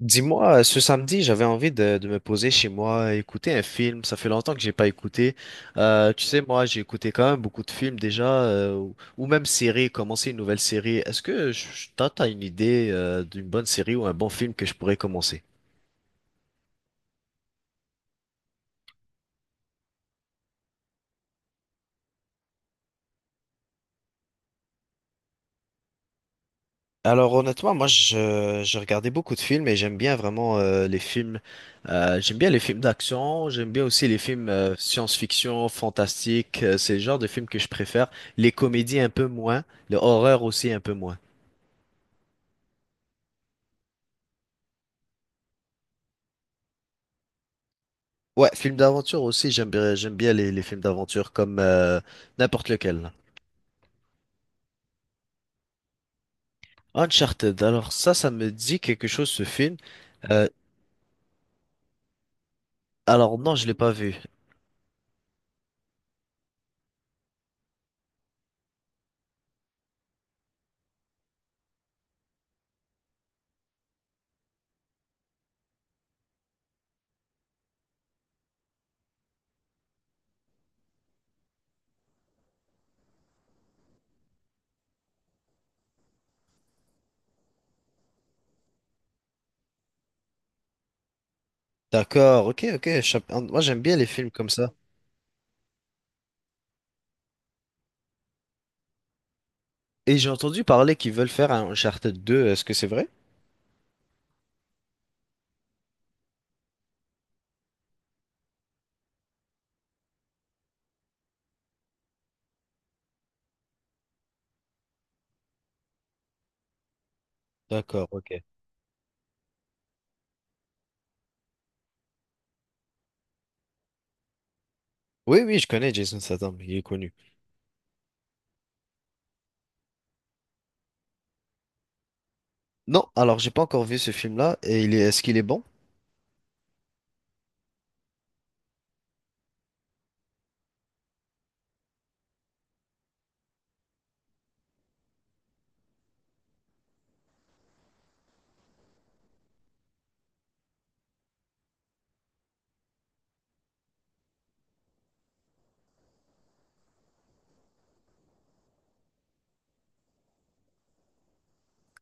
Dis-moi, ce samedi, j'avais envie de me poser chez moi, écouter un film. Ça fait longtemps que j'ai pas écouté. Tu sais, moi, j'ai écouté quand même beaucoup de films déjà, ou même séries, commencer une nouvelle série. Est-ce que t'as une idée, d'une bonne série ou un bon film que je pourrais commencer? Alors honnêtement, moi je regardais beaucoup de films et j'aime bien vraiment les films. J'aime bien les films d'action, j'aime bien aussi les films science-fiction, fantastique. C'est le genre de films que je préfère. Les comédies un peu moins, le horreur aussi un peu moins. Ouais, film d'aventure aussi, j'aime bien les films d'aventure comme n'importe lequel. Uncharted, alors ça me dit quelque chose ce film. Euh, alors non, je l'ai pas vu. D'accord, ok, ok. Moi, j'aime bien les films comme ça. Et j'ai entendu parler qu'ils veulent faire un Uncharted 2. Est-ce que c'est vrai? D'accord, ok. Oui, oui, je connais Jason Statham, il est connu. Non, alors j'ai pas encore vu ce film-là, et est-ce qu'il est bon?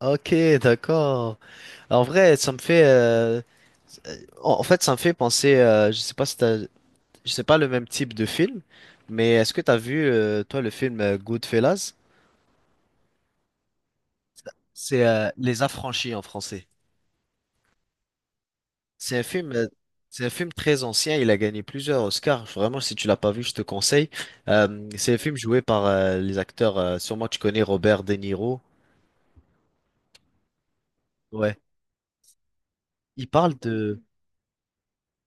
Ok, d'accord. En vrai, ça me fait, en fait, ça me fait penser, je sais pas si t'as c'est pas le même type de film, mais est-ce que t'as vu, toi, le film Goodfellas? C'est Les Affranchis en français. C'est un film, euh, c'est un film très ancien. Il a gagné plusieurs Oscars. Vraiment, si tu l'as pas vu, je te conseille. C'est un film joué par les acteurs. Sûrement, tu connais Robert De Niro. Ouais. Il parle de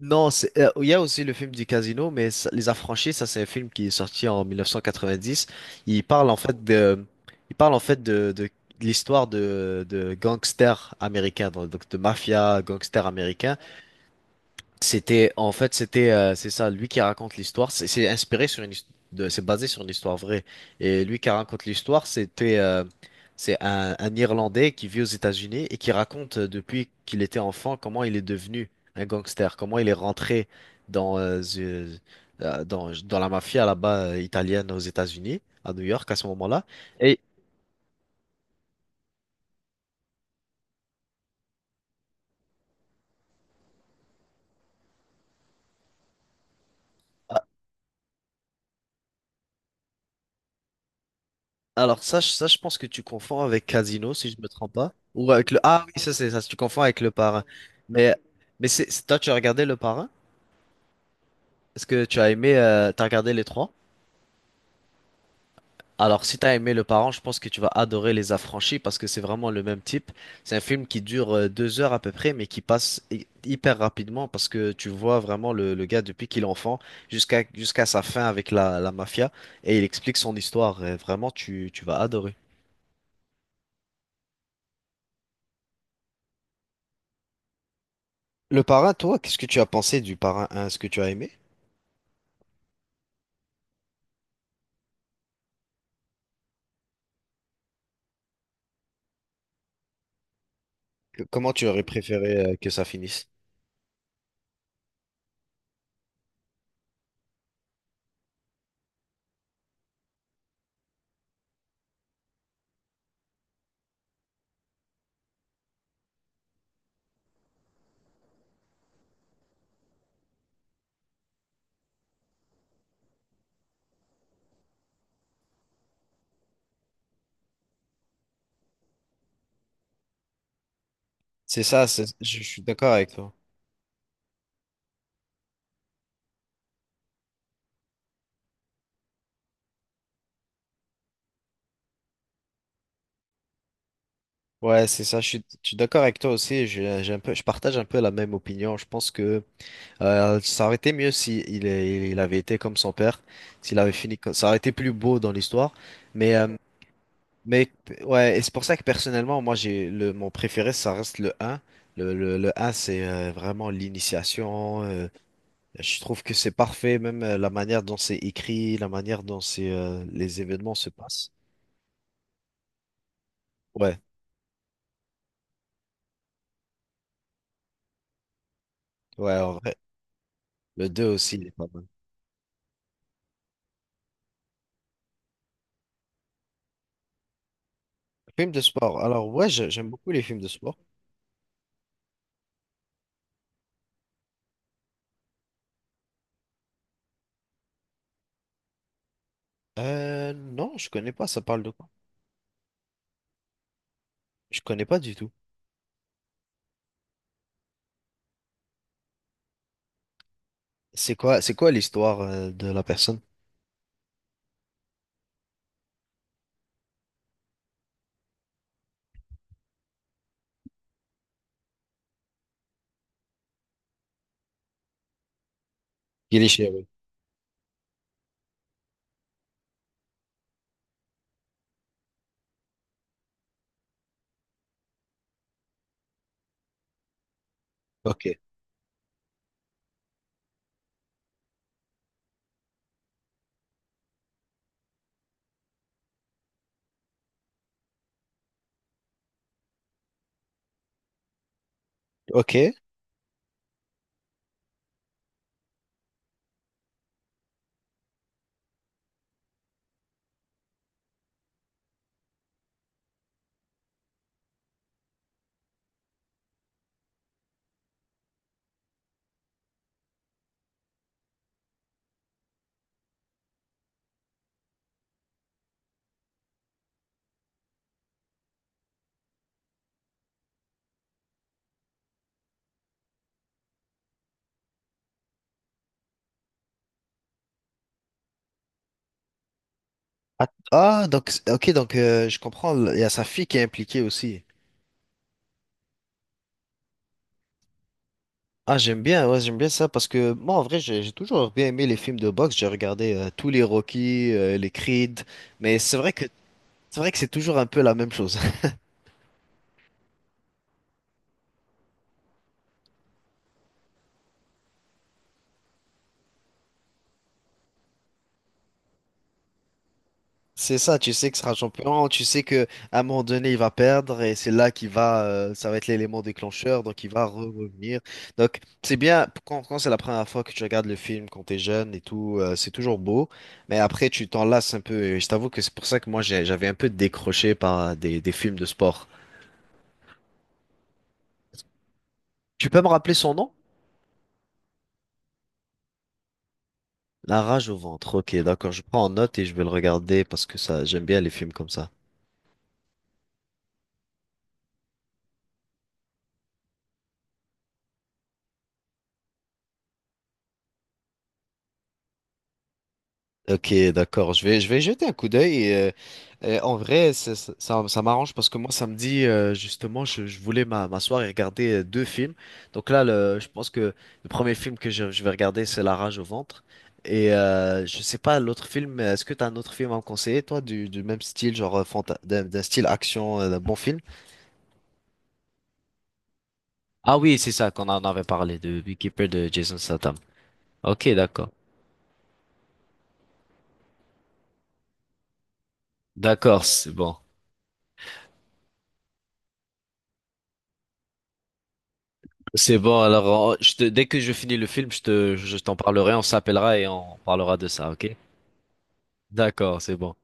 Non, il y a aussi le film du casino, mais Les Affranchis, ça c'est un film qui est sorti en 1990. Il parle en fait de, il parle en fait de l'histoire de gangsters américains, donc de mafia gangsters américains. C'était, en fait, c'était, C'est ça, lui qui raconte l'histoire. C'est inspiré sur c'est basé sur une histoire vraie. Et lui qui raconte l'histoire, c'est un Irlandais qui vit aux États-Unis et qui raconte depuis qu'il était enfant comment il est devenu un gangster, comment il est rentré dans, euh, ze- dans la mafia là-bas italienne aux États-Unis, à New York à ce moment-là. Alors ça, ça, je pense que tu confonds avec Casino, si je me trompe pas. Ah oui, ça, c'est ça, tu confonds avec le parrain. Mais, mais, toi, tu as regardé le parrain? Est-ce que tu as aimé, t'as regardé les trois? Alors, si t'as aimé le parrain, je pense que tu vas adorer Les Affranchis parce que c'est vraiment le même type. C'est un film qui dure 2 heures à peu près, mais qui passe hyper rapidement parce que tu vois vraiment le gars depuis qu'il est enfant jusqu'à sa fin avec la mafia et il explique son histoire. Et vraiment, tu vas adorer. Le parrain, toi, qu'est-ce que tu as pensé du parrain 1? Est-ce que tu as aimé? Comment tu aurais préféré que ça finisse? C'est ça, je suis d'accord avec toi. Ouais, c'est ça, je suis d'accord avec toi aussi. J'ai un peu, je partage un peu la même opinion. Je pense que ça aurait été mieux si il avait été comme son père, s'il avait fini, ça aurait été plus beau dans l'histoire. Mais, euh, mais, ouais, et c'est pour ça que personnellement, moi, mon préféré, ça reste le 1. Le 1, c'est vraiment l'initiation. Je trouve que c'est parfait, même la manière dont c'est écrit, la manière dont les événements se passent. Ouais, ouais, en vrai. Le 2 aussi, il est pas mal. Film de sport. Alors, ouais, j'aime beaucoup les films de sport. Non, je connais pas, ça parle de quoi? Je connais pas du tout. C'est quoi l'histoire, de la personne? Il est chez oui. Ok, ok. Ah, ah, donc, ok, je comprends, il y a sa fille qui est impliquée aussi. Ah, j'aime bien, ouais, j'aime bien ça parce que moi, en vrai, j'ai toujours bien aimé les films de boxe. J'ai regardé tous les Rocky, les Creed, mais c'est vrai que c'est toujours un peu la même chose. C'est ça, tu sais que sera champion, tu sais que à un moment donné, il va perdre et c'est là qu'il va, ça va être l'élément déclencheur, donc il va revenir. Donc c'est bien quand c'est la première fois que tu regardes le film, quand t'es jeune et tout, c'est toujours beau, mais après tu t'en lasses un peu. Et je t'avoue que c'est pour ça que moi j'avais un peu décroché par des films de sport. Tu peux me rappeler son nom? La rage au ventre. Ok, d'accord. Je prends en note et je vais le regarder parce que ça, j'aime bien les films comme ça. Ok, d'accord. Je vais jeter un coup d'œil. En vrai, ça m'arrange parce que moi, samedi, justement, je voulais m'asseoir et regarder deux films. Donc là, je pense que le premier film que je vais regarder, c'est La rage au ventre. Et je sais pas, l'autre film, est-ce que t'as un autre film à me conseiller, toi, du même style, genre d'un style action, d'un bon film? Ah oui, c'est ça qu'on en avait parlé, de Beekeeper de Jason Statham. Ok, d'accord. D'accord, c'est bon. C'est bon, alors dès que je finis le film, je t'en parlerai, on s'appellera et on parlera de ça, ok? D'accord, c'est bon.